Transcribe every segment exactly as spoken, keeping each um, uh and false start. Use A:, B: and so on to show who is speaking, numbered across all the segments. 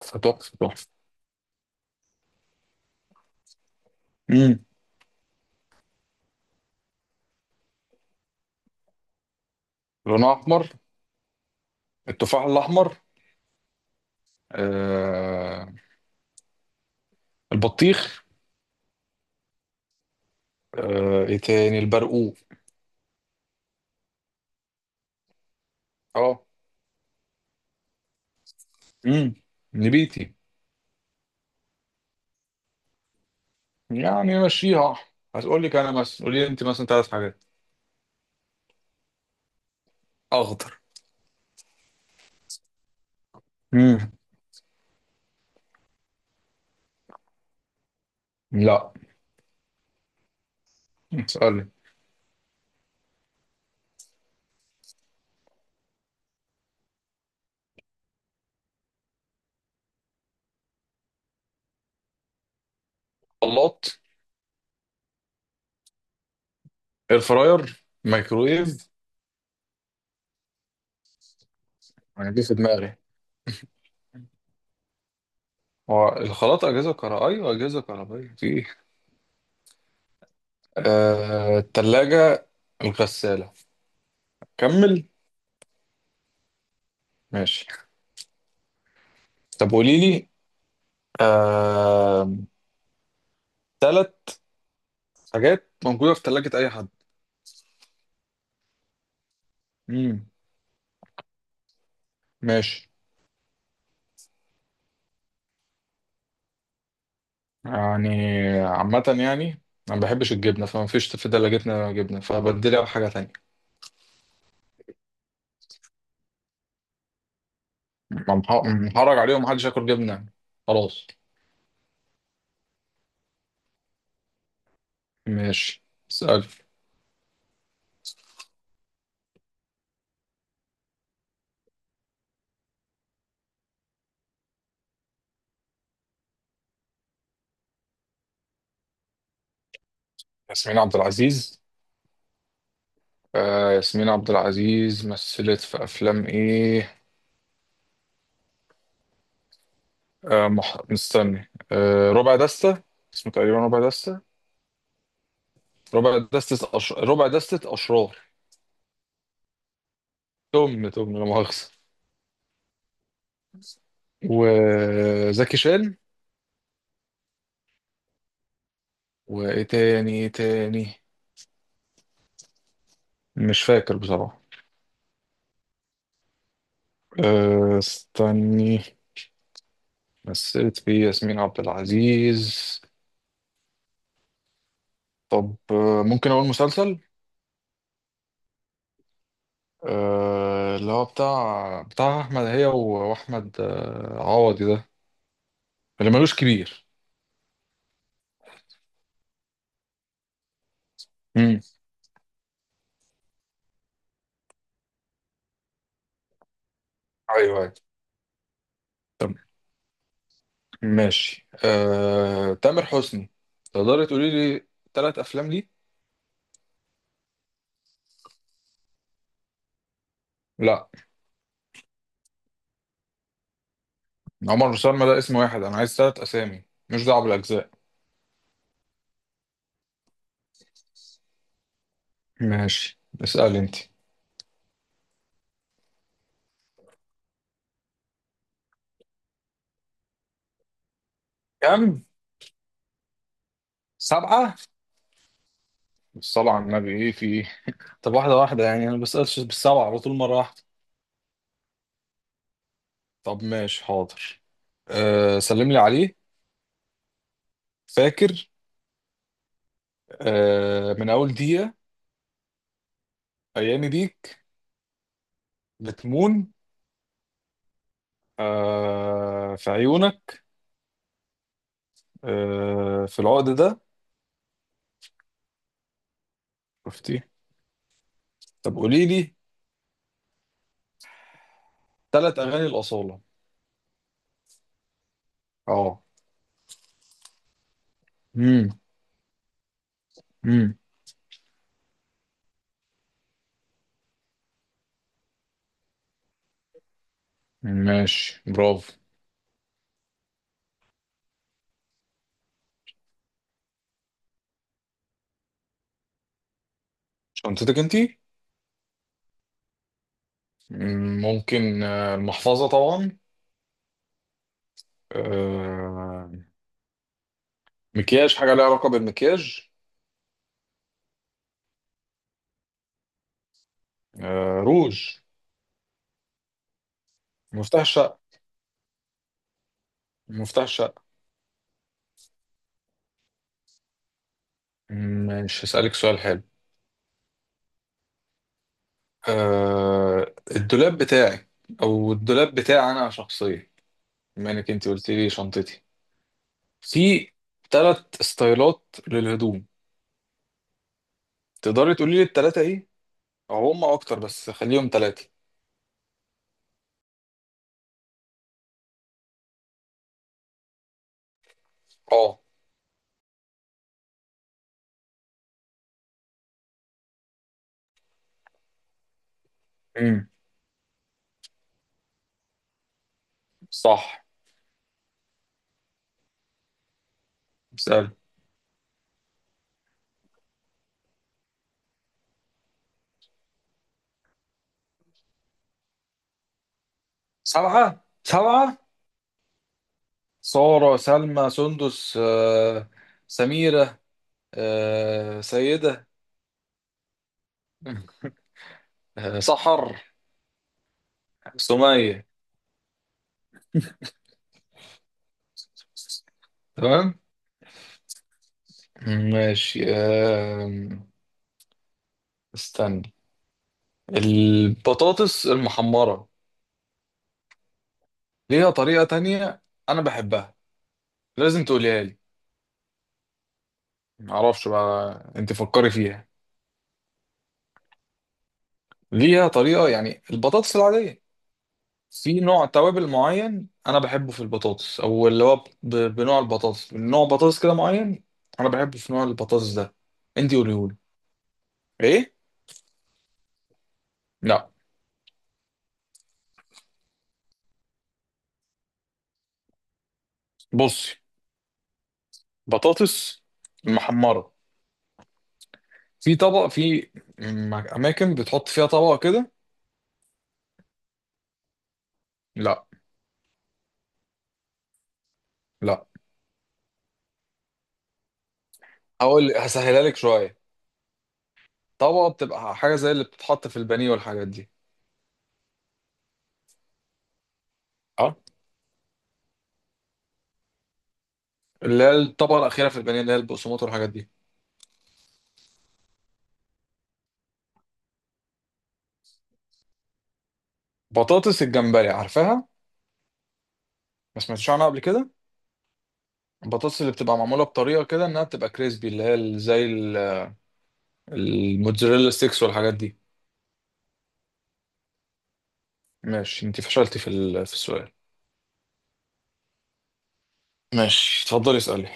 A: تحفة تحفة. امم لونها أحمر. التفاح الأحمر. آه البطيخ. آه إيه تاني؟ البرقوق. أه. امم نبيتي. يعني مشيها أحمر. هتقول لك أنا مثلا قولي لي أنت مثلا ثلاث حاجات. أخضر. امم لا. اسألي. خلاط. إير فراير، مايكرويف. أنا جه في دماغي. هو الخلاط أجهزة كهربائية، وأجهزة كهربائية في إيه؟ آه التلاجة، الغسالة. كمل. ماشي. طب قولي لي آه... ثلاث حاجات موجودة في ثلاجة أي حد. مم. ماشي. يعني عامة يعني، أنا ما بحبش الجبنة فما فيش في ثلاجتنا جبنة فبديلها بحاجة تانية. مح- محرج عليهم محدش ياكل جبنة يعني. خلاص. ماشي. اسأل. ياسمين عبد العزيز. آه ياسمين عبد العزيز مثلت في أفلام إيه؟ آه مح... مستني. آه ربع دستة. اسمه تقريبا ربع دستة. ربع دستة أش... ربع دستة أشرار. تم تم لا مؤاخذة، وزكي شان. وايه تاني ايه تاني؟ مش فاكر بصراحة. أه، استني. مثلت فيه ياسمين عبد العزيز. طب أه، ممكن اقول مسلسل. أه، اللي هو بتاع بتاع احمد هي و- واحمد، أه، عوضي ده. اللي ملوش كبير. امم ايوه أيوة. ماشي أه... تامر حسني. تقدري تقولي لي ثلاث افلام ليه؟ لا. عمر وسلمى ده اسم واحد، انا عايز ثلاث اسامي، مش دعوه بالاجزاء. ماشي اسأل انت. كم؟ سبعة. بالصلاة على النبي ايه في ايه. طب واحدة واحدة يعني، انا ما بسألش بالسبعة على طول مرة واحدة. طب ماشي حاضر. أه سلم لي عليه. فاكر. أه من أول دقيقة. أيامي بيك. بتمون. أه في عيونك. أه في العقد ده. شفتي. طب قولي لي ثلاث أغاني الأصالة. اه. امم امم ماشي برافو. شنطتك انتي؟ مم، ممكن، آه، المحفظة طبعا. آه، مكياج، حاجة ليها علاقة بالمكياج. آه، روج. مفتاح الشقة. مفتاح الشقة. ماشي هسألك سؤال حلو. آه، الدولاب بتاعي. أو الدولاب بتاعي أنا شخصيا، بما إنك أنت قلت لي شنطتي. في تلات ستايلات للهدوم، تقدري تقولي لي التلاتة إيه؟ أو هما أكتر بس خليهم تلاتة. أه. امم صح. سأل. سبعة سبعة؟ سارة، سلمى، سندس، آه، سميرة، آه سيدة، آه سحر، سمية. تمام. ماشي آه استني. البطاطس المحمرة ليها طريقة تانية. أنا بحبها، لازم تقوليها لي. معرفش بقى، أنت فكري فيها. ليها طريقة يعني البطاطس العادية. في نوع توابل معين أنا بحبه في البطاطس، أو اللي هو ب- بنوع البطاطس، نوع بطاطس كده معين أنا بحبه في نوع البطاطس ده. أنت قوليهولي. إيه؟ لا. بصي. بطاطس محمرة. في طبق، في م- أماكن بتحط فيها طبق كده. لا. لا. هقول هسهلها لك شوية. طبقة بتبقى حاجة زي اللي بتتحط في البانيه والحاجات دي. اه. اللي هي الطبقة الأخيرة في البانيه، اللي هي البقسماط والحاجات دي. بطاطس الجمبري، عارفاها؟ ما سمعتش عنها قبل كده؟ البطاطس اللي بتبقى معمولة بطريقة كده إنها بتبقى كريسبي، اللي هي ال- زي ال- الموتزاريلا ستيكس والحاجات دي. ماشي أنت فشلتي في ال- في السؤال. ماشي اتفضلي اسألي.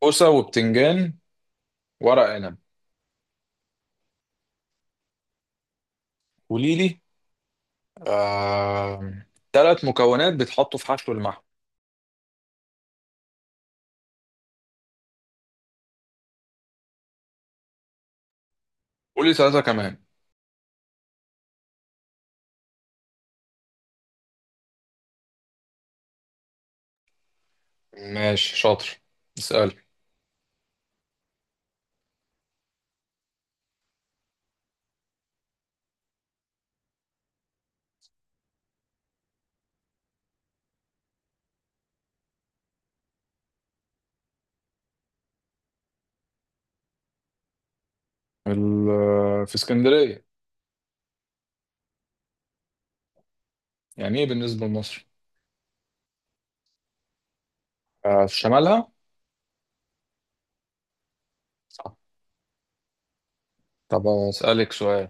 A: كوسة وبتنجان، ورق عنب. قولي لي ثلاث مكونات بيتحطوا في حشو المحشي. قول لي ثلاثة كمان. ماشي شاطر. اسأل. ال- في اسكندرية. يعني ايه بالنسبة لمصر؟ آه، في شمالها. صح. طب اسألك سؤال.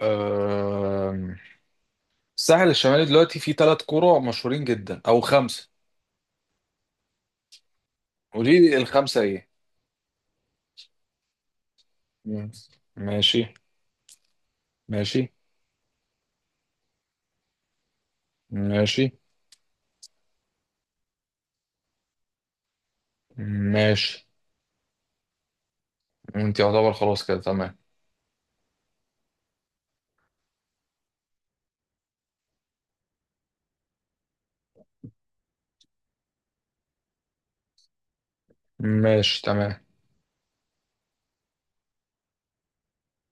A: آم، الساحل الشمالي دلوقتي فيه ثلاث قرى مشهورين جدا او خمسة. قولي لي الخمسة ايه. مم. ماشي. ماشي. ماشي. ماشي. انت يعتبر خلاص كده تمام. ماشي تمام.